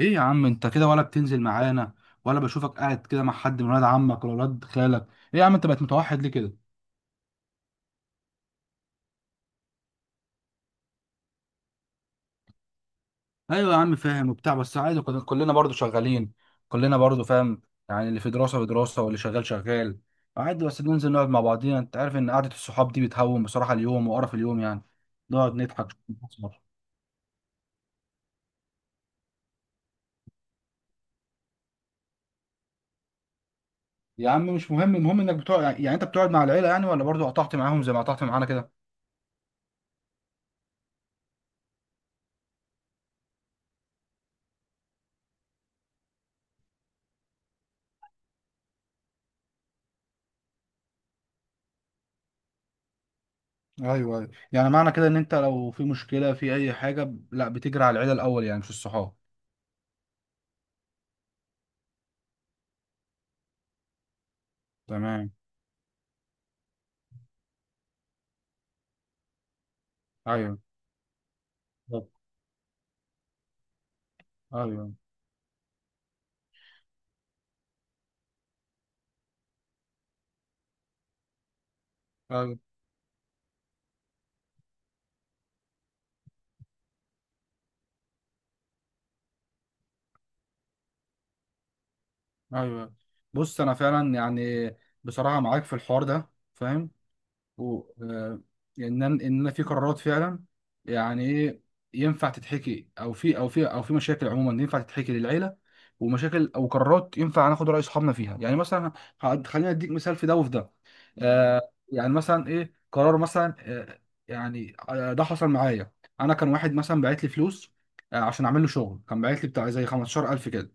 ايه يا عم، انت كده ولا بتنزل معانا؟ ولا بشوفك قاعد كده مع حد من ولاد عمك ولا ولاد خالك؟ ايه يا عم، انت بقت متوحد ليه كده؟ ايوه يا عم، فاهم وبتاع، بس عادي، كلنا برضو شغالين. كلنا برضو فاهم. يعني اللي في دراسة في دراسة، واللي شغال شغال. عادي، بس بننزل نقعد مع بعضينا. انت عارف ان قعدة الصحاب دي بتهون بصراحة اليوم وقرف اليوم يعني. نقعد نضحك نهزر. يا عم مش مهم، المهم انك بتقعد، يعني انت بتقعد مع العيلة، يعني ولا برضو قطعت معاهم زي ما قطعت معانا كده؟ ايوه ايوه، يعني معنى كده ان انت لو في مشكله في اي حاجه لا بتجري على العيله الاول يعني، مش الصحاب. تمام. ايوه. بالظبط. ايوه ايوه ايوه. بص، انا فعلا يعني بصراحه معاك في الحوار ده، فاهم. و آه، ان انا ان انا في قرارات فعلا، يعني ايه، ينفع تتحكي، او في مشاكل عموما ينفع تتحكي للعيله، ومشاكل او قرارات ينفع ناخد راي اصحابنا فيها يعني. مثلا خليني اديك مثال في ده وفي ده. يعني مثلا ايه قرار مثلا يعني ده حصل معايا. انا كان واحد مثلا باعت لي فلوس، آه، عشان اعمل له شغل. كان باعت لي بتاع زي 15,000 كده.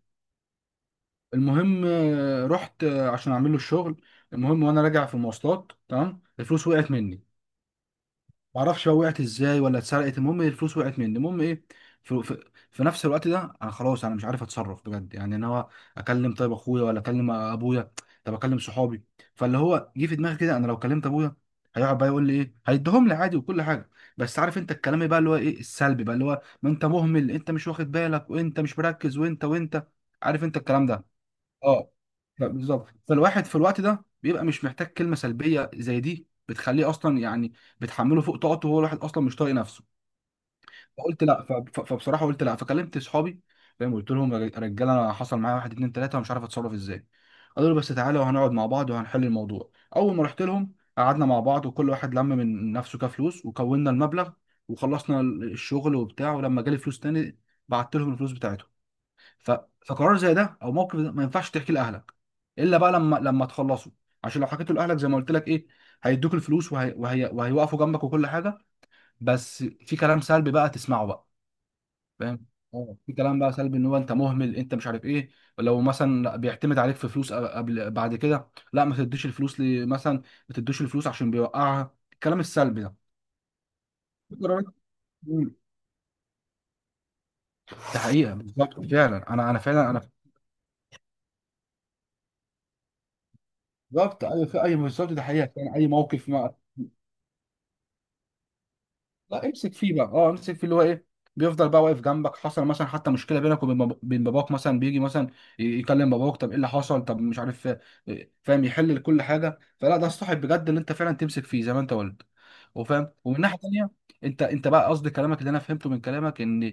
المهم رحت عشان اعمل له الشغل. المهم، وانا راجع في المواصلات تمام، الفلوس وقعت مني. معرفش بقى وقعت ازاي ولا اتسرقت. المهم الفلوس وقعت مني. المهم ايه، في, في, في نفس الوقت ده انا خلاص، انا مش عارف اتصرف بجد يعني. انا هو اكلم طيب اخويا ولا اكلم ابويا؟ طب اكلم صحابي؟ فاللي هو جه في دماغي كده، انا لو كلمت ابويا هيقعد بقى يقول لي ايه، هيديهم لي عادي وكل حاجه، بس عارف انت الكلام بقى اللي هو ايه السلبي بقى، اللي هو ما انت مهمل، انت مش واخد بالك، وانت مش مركز، وانت وانت، عارف انت الكلام ده. اه، لا، بالظبط. فالواحد في الوقت ده بيبقى مش محتاج كلمه سلبيه زي دي، بتخليه اصلا يعني بتحمله فوق طاقته، وهو الواحد اصلا مش طايق نفسه. فقلت لا، فبصراحه قلت لا، فكلمت اصحابي، فاهم. قلت لهم يا رجاله، انا حصل معايا واحد اتنين تلاته، ومش عارف اتصرف ازاي. قالوا لي بس تعالى وهنقعد مع بعض وهنحل الموضوع. اول ما رحت لهم قعدنا مع بعض، وكل واحد لم من نفسه كفلوس وكونا المبلغ، وخلصنا الشغل وبتاع. ولما جالي فلوس تاني بعت لهم الفلوس بتاعتهم. ف... فقرار زي ده او موقف ده ما ينفعش تحكي لاهلك الا بقى لما تخلصوا. عشان لو حكيته لاهلك زي ما قلت لك ايه، هيدوك الفلوس، وهيوقفوا جنبك وكل حاجه، بس في كلام سلبي بقى تسمعه بقى، فاهم. اه، في كلام بقى سلبي، ان هو انت مهمل، انت مش عارف ايه. لو مثلا بيعتمد عليك في فلوس قبل بعد كده، لا ما تديش الفلوس مثلا، ما تديش الفلوس عشان بيوقعها الكلام السلبي ده. في قرارات. مم. ده حقيقه، بالظبط فعلا، انا فعلا بالظبط، ايوه، في اي بالظبط، ده حقيقه فعلا، اي موقف. لا امسك فيه بقى، امسك فيه اللي هو ايه، بيفضل بقى واقف جنبك. حصل مثلا حتى مشكله بينك وبين بين باباك مثلا، بيجي مثلا يكلم باباك، طب ايه اللي حصل، طب مش عارف فاهم، يحل كل حاجه. فلا، ده الصاحب بجد اللي انت فعلا تمسك فيه زي ما انت قلت وفاهم. ومن ناحيه تانيه، انت بقى قصد كلامك، اللي انا فهمته من كلامك ان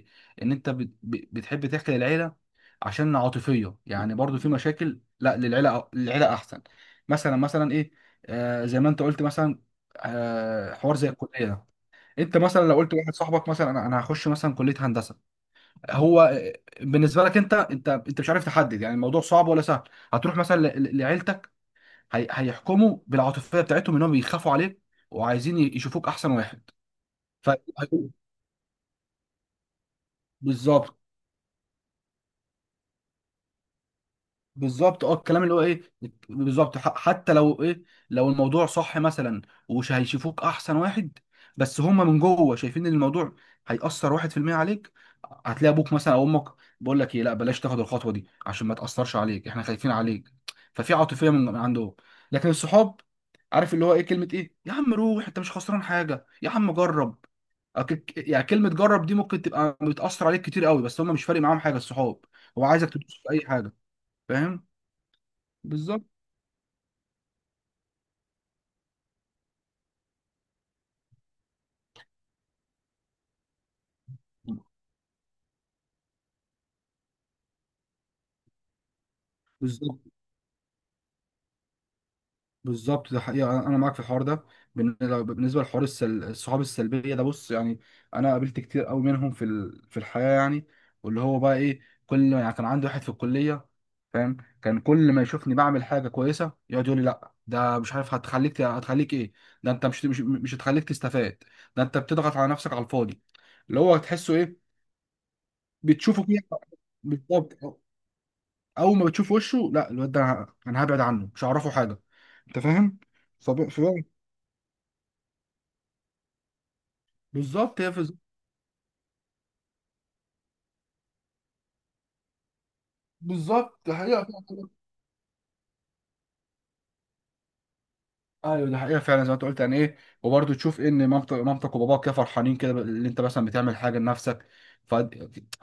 ان انت بتحب تحكي للعيله، عشان عاطفيه يعني برضو. في مشاكل لا، للعيله احسن، مثلا مثلا ايه، آه، زي ما انت قلت مثلا، آه، حوار زي الكليه ده. انت مثلا لو قلت لواحد صاحبك مثلا انا هخش مثلا كليه هندسه، هو بالنسبه لك انت، انت مش عارف تحدد يعني الموضوع صعب ولا سهل. هتروح مثلا لعيلتك، هيحكموا بالعاطفيه بتاعتهم انهم بيخافوا عليك، وعايزين يشوفوك احسن واحد. ف، بالظبط بالظبط، اه، الكلام اللي هو ايه، بالظبط حتى لو ايه، لو الموضوع صح مثلا ومش هيشوفوك احسن واحد، بس هما من جوه شايفين ان الموضوع هيأثر واحد في المية عليك، هتلاقي ابوك مثلا او امك بقول لك ايه: لا بلاش تاخد الخطوة دي عشان ما تأثرش عليك، احنا خايفين عليك. ففي عاطفية من عنده. لكن الصحاب، عارف اللي هو ايه، كلمة ايه يا عم، روح، انت مش خسران حاجة يا عم، جرب. يعني كلمة جرب دي ممكن تبقى بتأثر عليك كتير قوي، بس هما مش فارق معاهم حاجة الصحاب، هو عايزك تدوس في اي حاجة، فاهم. بالظبط بالظبط بالظبط. ده حقيقة، أنا معاك في الحوار ده. بالنسبة لحوار الصحاب السلبية ده، بص يعني، أنا قابلت كتير أوي منهم في في الحياة يعني. واللي هو بقى إيه، كل يعني كان عندي واحد في الكلية، فاهم، كان كل ما يشوفني بعمل حاجة كويسة يقعد يقول لي لأ، ده مش عارف هتخليك هتخليك إيه، ده أنت مش هتخليك تستفاد، ده أنت بتضغط على نفسك على الفاضي، اللي هو تحسه إيه، بتشوفه كده، بالظبط. اول ما بتشوف وشه لا، الواد ده انا هبعد عنه، مش هعرفه حاجه، انت فاهم. فب... فب... بالظبط هي بالظبط حقيقه. ايوه دي حقيقه فعلا، زي ما انت قلت، يعني ايه، وبرضه تشوف ان مامتك وباباك كده فرحانين كده اللي انت مثلا بتعمل حاجه لنفسك، ف-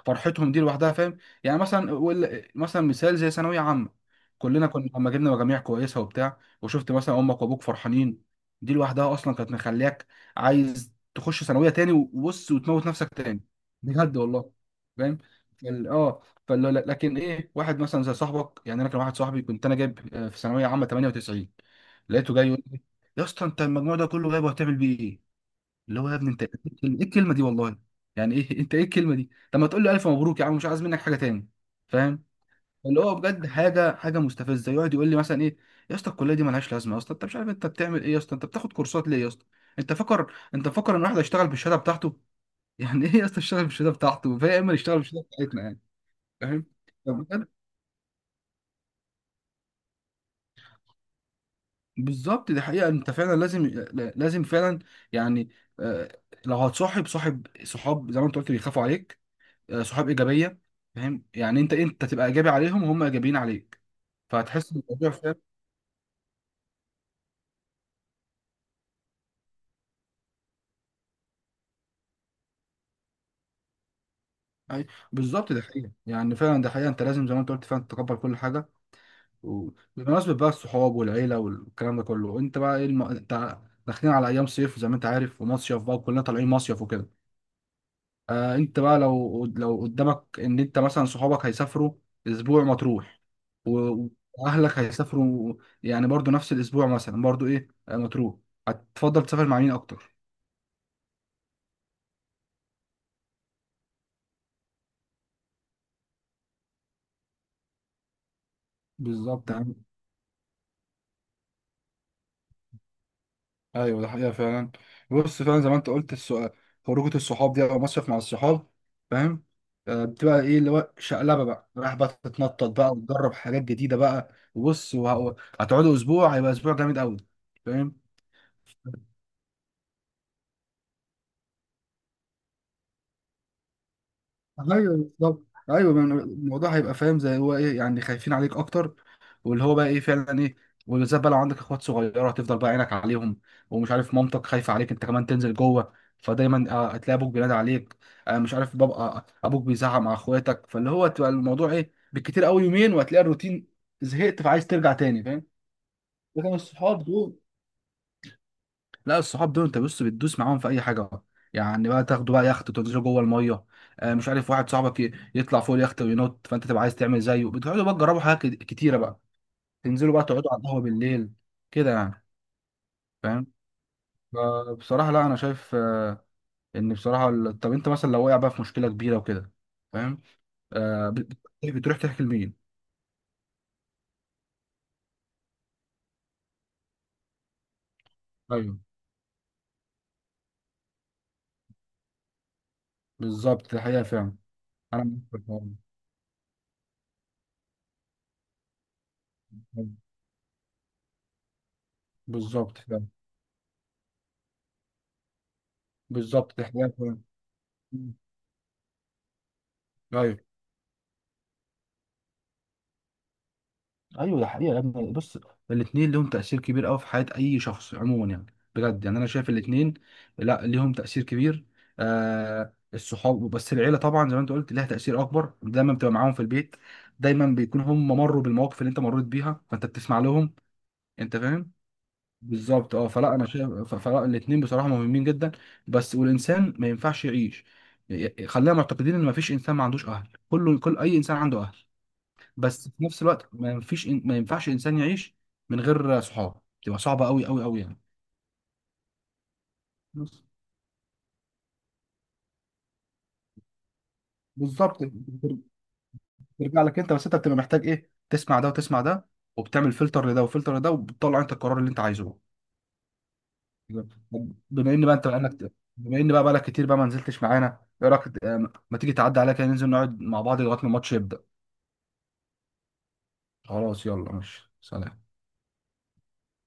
فرحتهم دي لوحدها فاهم. يعني مثلا مثلا مثال زي ثانويه عامه، كلنا كنا لما جبنا مجاميع كويسه وبتاع، وشفت مثلا امك وابوك فرحانين، دي لوحدها اصلا كانت مخلياك عايز تخش ثانويه تاني وبص وتموت نفسك تاني، بجد والله، فاهم. فال- اه لكن ايه واحد مثلا زي صاحبك يعني، انا كان واحد صاحبي، كنت انا جايب في ثانويه عامه 98، لقيته جاي: يا اسطى، انت المجموع ده كله جايبه هتعمل بيه ايه؟ اللي هو يا ابني انت ايه الكلمه، إيه الكلمة دي والله، يعني ايه انت ايه الكلمه دي، طب ما تقول له الف مبروك يا عم، مش عايز منك حاجه تاني، فاهم. اللي هو بجد حاجه مستفزه، يقعد يقول لي مثلا ايه: يا اسطى الكليه دي مالهاش لازمه، يا اسطى انت مش عارف انت بتعمل ايه، يا اسطى انت بتاخد كورسات ليه، يا اسطى انت فاكر ان واحد هيشتغل بالشهاده بتاعته. يعني ايه يا اسطى يشتغل بالشهاده بتاعته، فاهم، يا اما يشتغل بالشهاده بتاعتنا يعني. فاهم، طب بجد، بالظبط دي حقيقة، انت فعلا لازم، لازم فعلا يعني آه، لو هتصاحب صاحب، زي ما انت قلت بيخافوا عليك، آه، صحاب ايجابية، فاهم، يعني انت تبقى ايجابي عليهم وهم ايجابيين عليك، فهتحس ان الموضوع فاهم. أي- بالظبط دي حقيقة، يعني فعلا ده حقيقة، انت لازم زي ما انت قلت فعلا تتقبل كل حاجة. وبمناسبة بقى الصحاب والعيلة والكلام ده كله، انت بقى ايه انت داخلين على ايام صيف زي ما انت عارف، ومصيف بقى، وكلنا طالعين مصيف وكده، آه، انت بقى لو قدامك ان انت مثلا صحابك هيسافروا اسبوع مطروح، و- واهلك هيسافروا يعني برضو نفس الاسبوع مثلا، برضو ايه، آه، مطروح، هتفضل تسافر مع مين اكتر؟ بالظبط تمام. ايوه ده حقيقه فعلا، بص فعلا زي ما انت قلت، السؤال خروجه الصحاب دي او مصيف مع الصحاب، فاهم، آه، بتبقى ايه اللي هو شقلبه بقى، رايح بقى تتنطط بقى وتجرب حاجات جديده بقى، وبص هتقعدوا اسبوع، هيبقى اسبوع جامد قوي، فاهم. ايوه بالظبط. ايوه ما أنا- الموضوع هيبقى فاهم، زي هو ايه يعني، خايفين عليك اكتر، واللي هو بقى ايه فعلا ايه. وبالذات بقى لو عندك اخوات صغيره، هتفضل بقى عينك عليهم، ومش عارف مامتك خايفه عليك انت كمان تنزل جوه، فدايما آه، هتلاقي ابوك بينادي عليك، آه، مش عارف ابوك بيزعق مع اخواتك، فاللي هو تبقى الموضوع ايه، بالكتير قوي يومين وهتلاقي الروتين زهقت، فعايز ترجع تاني فاهم. لكن الصحاب دول، لا الصحاب دول انت بص بتدوس معاهم في اي حاجه، يعني بقى تاخدوا بقى يخت وتنزلوا جوه الميه، آه مش عارف واحد صاحبك يطلع فوق اليخت وينط، فانت تبقى عايز تعمل زيه، بتقعدوا بقى تجربوا حاجات كتيره بقى، تنزلوا بقى تقعدوا على القهوه بالليل كده يعني، فاهم. فبصراحه لا انا شايف آه، ان بصراحه طب انت مثلا لو وقع بقى في مشكله كبيره وكده، فاهم، آه، بتروح تحكي لمين؟ ايوه بالظبط، دي حقيقه فعلا، انا معاك في الحوار ده. بالظبط فعلا. بالظبط دي حقيقه فعلا. ايوه ايوه، ده حقيقه يا ابني، بص، الاثنين ليهم تاثير كبير قوي في حياه اي شخص عموما يعني، بجد يعني انا شايف الاثنين، لا ليهم تاثير كبير، آه الصحاب، بس العيله طبعا زي ما انت قلت ليها تاثير اكبر، دايما بتبقى معاهم في البيت، دايما بيكون هم مروا بالمواقف اللي انت مريت بيها فانت بتسمع لهم، انت فاهم. بالظبط اه، فلا انا شايف فلا الاثنين بصراحه مهمين جدا، بس والانسان ما ينفعش يعيش، خلينا معتقدين ان ما فيش انسان ما عندوش اهل، كل اي انسان عنده اهل، بس في نفس الوقت ما فيش ما ينفعش انسان يعيش من غير صحاب، تبقى صعبه قوي قوي قوي يعني. بص بالظبط، بترجع لك انت بس، انت بتبقى محتاج ايه، تسمع ده وتسمع ده، وبتعمل فلتر لده وفلتر لده، وبتطلع انت القرار اللي انت عايزه. طب بما ان بقى انت بقالك، بما ان بقى بقالك كتير بقى ما نزلتش معانا، ايه رايك آه، ما تيجي تعدي عليا كده ننزل نقعد مع بعض لغايه ما الماتش يبدا؟ خلاص يلا، ماشي سلام.